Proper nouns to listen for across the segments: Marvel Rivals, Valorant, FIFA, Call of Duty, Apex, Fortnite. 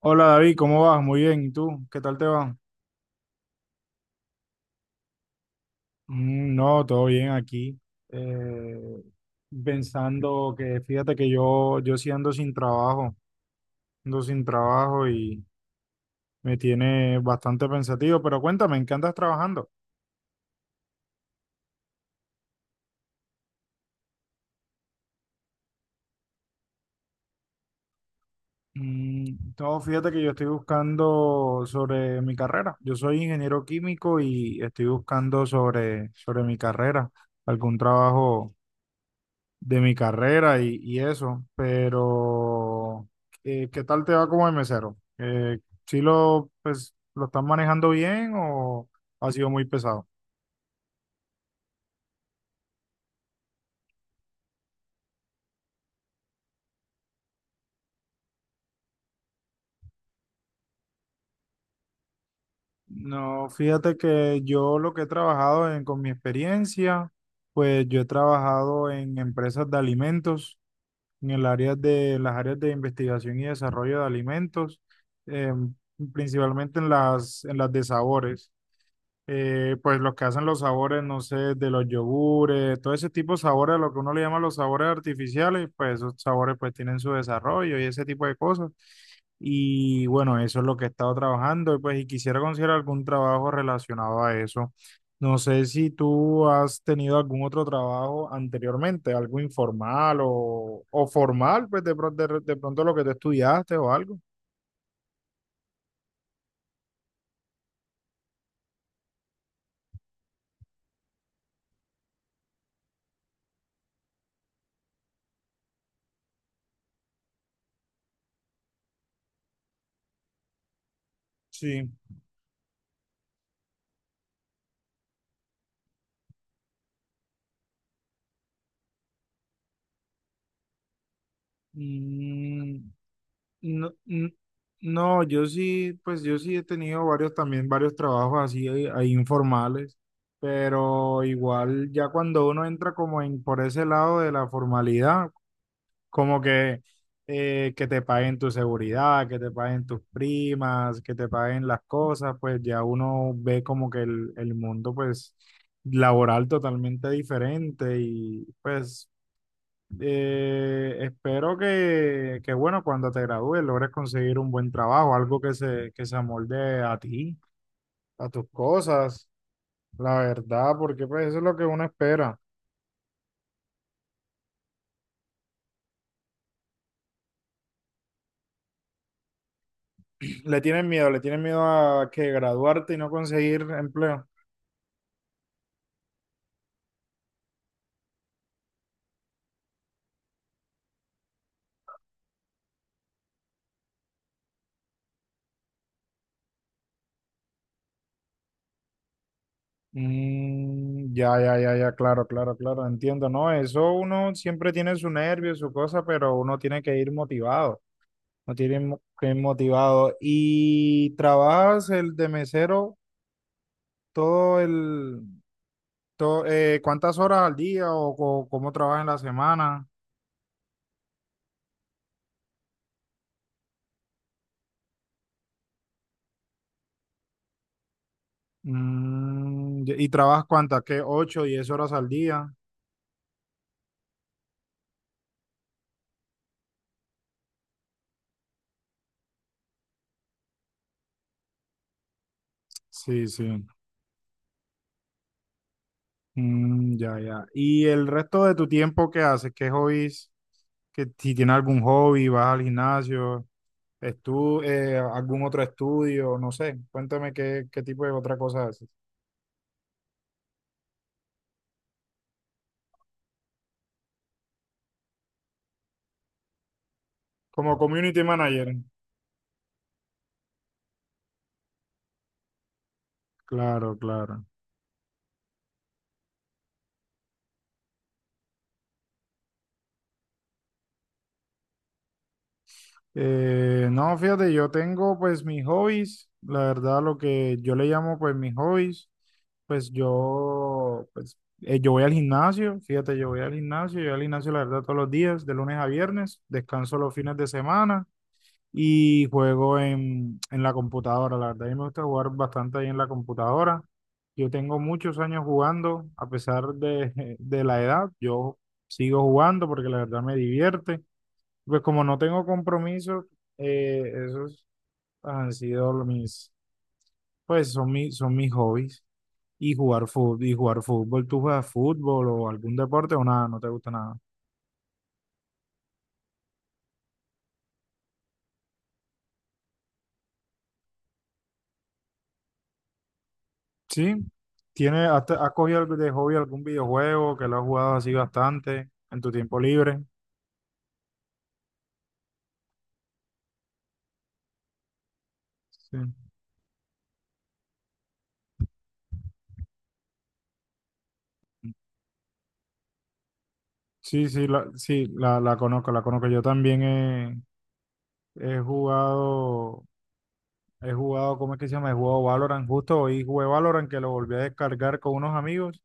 Hola David, ¿cómo vas? Muy bien, ¿y tú? ¿Qué tal te va? No, todo bien aquí. Eh, Pensando que fíjate que yo sí ando sin trabajo y me tiene bastante pensativo, pero cuéntame, ¿en qué andas trabajando? No, fíjate que yo estoy buscando sobre mi carrera. Yo soy ingeniero químico y estoy buscando sobre mi carrera, algún trabajo de mi carrera y eso, pero ¿qué tal te va como de mesero? ¿Sí pues, lo estás manejando bien o ha sido muy pesado? No, fíjate que yo lo que he trabajado con mi experiencia, pues yo he trabajado en empresas de alimentos, en el área de las áreas de investigación y desarrollo de alimentos, em, principalmente en las de sabores. Pues los que hacen los sabores, no sé, de los yogures, todo ese tipo de sabores, lo que uno le llama los sabores artificiales, pues esos sabores pues tienen su desarrollo y ese tipo de cosas. Y bueno, eso es lo que he estado trabajando y pues y quisiera conseguir algún trabajo relacionado a eso. No sé si tú has tenido algún otro trabajo anteriormente, algo informal o formal, pues de pronto lo que tú estudiaste o algo. Sí. Mm, No, no, yo sí, pues yo sí he tenido varios también, varios trabajos así ahí informales, pero igual ya cuando uno entra como en por ese lado de la formalidad, como que te paguen tu seguridad, que te paguen tus primas, que te paguen las cosas, pues ya uno ve como que el mundo pues laboral totalmente diferente y pues espero que, bueno, cuando te gradúes logres conseguir un buen trabajo, algo que se amolde a ti, a tus cosas, la verdad, porque pues eso es lo que uno espera. Le tienen miedo a que graduarte y no conseguir empleo. Ya, ya, ya, ya, claro, claro, claro, entiendo, ¿no? Eso uno siempre tiene su nervio, su cosa, pero uno tiene que ir motivado, no tiene que ir motivado. ¿Y trabajas el de mesero todo el, ¿cuántas horas al día o, cómo trabajas en la semana? Y y trabajas cuántas, ¿qué? ¿Ocho, 10 horas al día? Sí, sí. Ya, ya. ¿Y el resto de tu tiempo qué haces? ¿Qué hobbies? ¿Que si tienes algún hobby, vas al gimnasio, estu algún otro estudio, no sé. Cuéntame qué tipo de otra cosa haces. Como community manager. Claro, claro. No, fíjate, yo tengo pues mis hobbies, la verdad lo que yo le llamo pues mis hobbies, pues yo voy al gimnasio, fíjate, yo voy al gimnasio, yo voy al gimnasio la verdad todos los días, de lunes a viernes, descanso los fines de semana y juego en la computadora, la verdad a mí me gusta jugar bastante ahí en la computadora, yo tengo muchos años jugando, a pesar de, de la edad, yo sigo jugando porque la verdad me divierte. Pues como no tengo compromiso, esos han sido los mis, pues son mis hobbies. Y jugar fútbol, ¿tú juegas fútbol o algún deporte o nada? ¿No te gusta nada? Sí. ¿Tiene, has cogido algo de hobby algún videojuego que lo has jugado así bastante en tu tiempo libre? Sí. Sí, sí, sí, la conozco, la conozco. Yo también he, he jugado. He jugado, ¿cómo es que se llama? He jugado Valorant, justo hoy jugué Valorant, que lo volví a descargar con unos amigos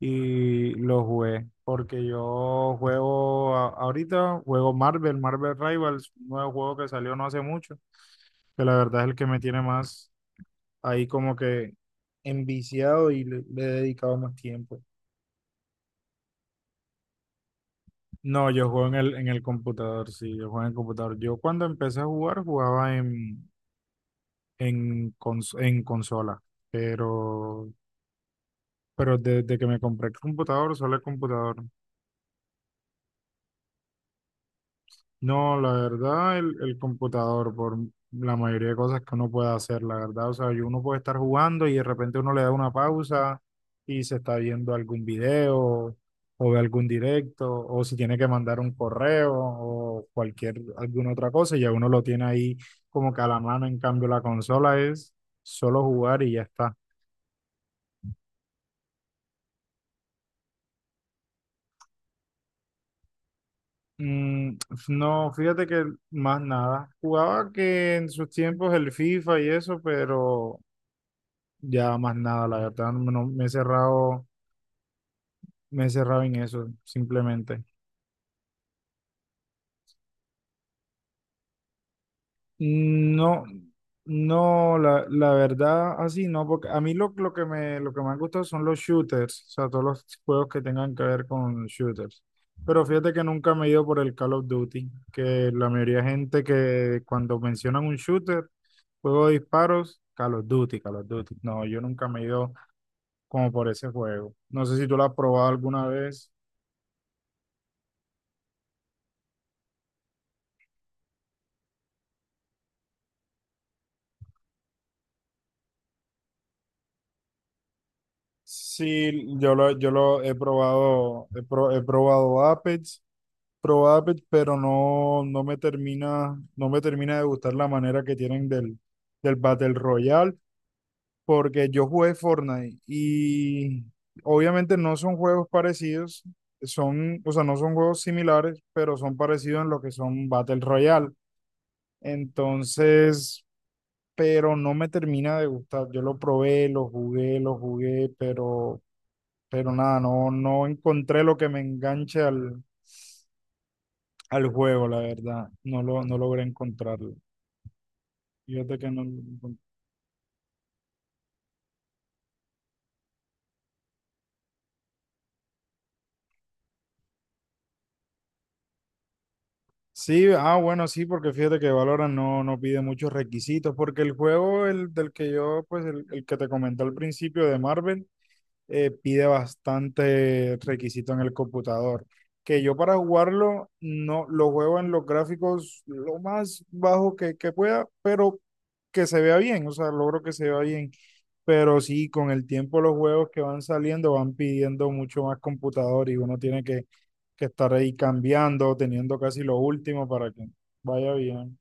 y lo jugué, porque yo juego ahorita, juego Marvel, Marvel Rivals, un nuevo juego que salió no hace mucho, que la verdad es el que me tiene más ahí como que enviciado y le he dedicado más tiempo. No, yo juego en el computador, sí, yo juego en el computador. Yo cuando empecé a jugar jugaba en consola, pero... Pero desde que me compré el computador, solo el computador. No, la verdad, el computador, por la mayoría de cosas que uno puede hacer, la verdad. O sea, y uno puede estar jugando y de repente uno le da una pausa y se está viendo algún video o ve algún directo, o si tiene que mandar un correo o cualquier, alguna otra cosa, y ya uno lo tiene ahí como que a la mano. En cambio, la consola es solo jugar y ya está. Mm, no, fíjate que más nada. Jugaba que en sus tiempos el FIFA y eso, pero ya más nada, la verdad, no, no, me he cerrado en eso, simplemente. No, no, la verdad, así no, porque a mí lo que me han gustado son los shooters, o sea, todos los juegos que tengan que ver con shooters. Pero fíjate que nunca me he ido por el Call of Duty, que la mayoría de gente que cuando mencionan un shooter, juego de disparos, Call of Duty, Call of Duty. No, yo nunca me he ido como por ese juego. No sé si tú lo has probado alguna vez. Sí, yo lo he probado, he probado Apex. Probable, pero no, no me termina de gustar la manera que tienen del Battle Royale, porque yo jugué Fortnite y obviamente no son juegos parecidos, o sea, no son juegos similares, pero son parecidos en lo que son Battle Royale. Entonces, pero no me termina de gustar. Yo lo probé, lo jugué, pero nada, no, no encontré lo que me enganche al juego, la verdad. No logré encontrarlo. Fíjate que no. Sí, ah, bueno, sí, porque fíjate que Valorant no, no pide muchos requisitos, porque el juego el, del que yo, pues el que te comenté al principio de Marvel, pide bastante requisito en el computador. Que yo para jugarlo no lo juego en los gráficos lo más bajo que pueda, pero que se vea bien, o sea, logro que se vea bien. Pero sí, con el tiempo los juegos que van saliendo van pidiendo mucho más computador y uno tiene que estar ahí cambiando, teniendo casi lo último para que vaya bien.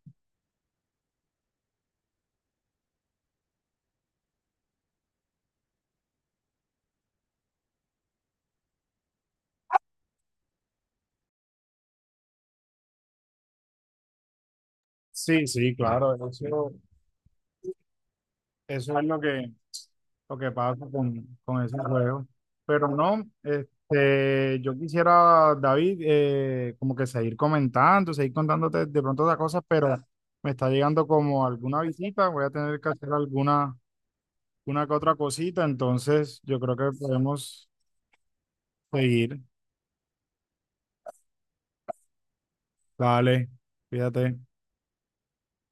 Sí, sí, claro, eso es lo que pasa con esos juegos. Pero no, este, yo quisiera, David, como que seguir comentando, seguir contándote de pronto otras cosas, pero me está llegando como alguna visita, voy a tener que hacer alguna, una que otra cosita, entonces yo creo que podemos seguir. Dale, fíjate.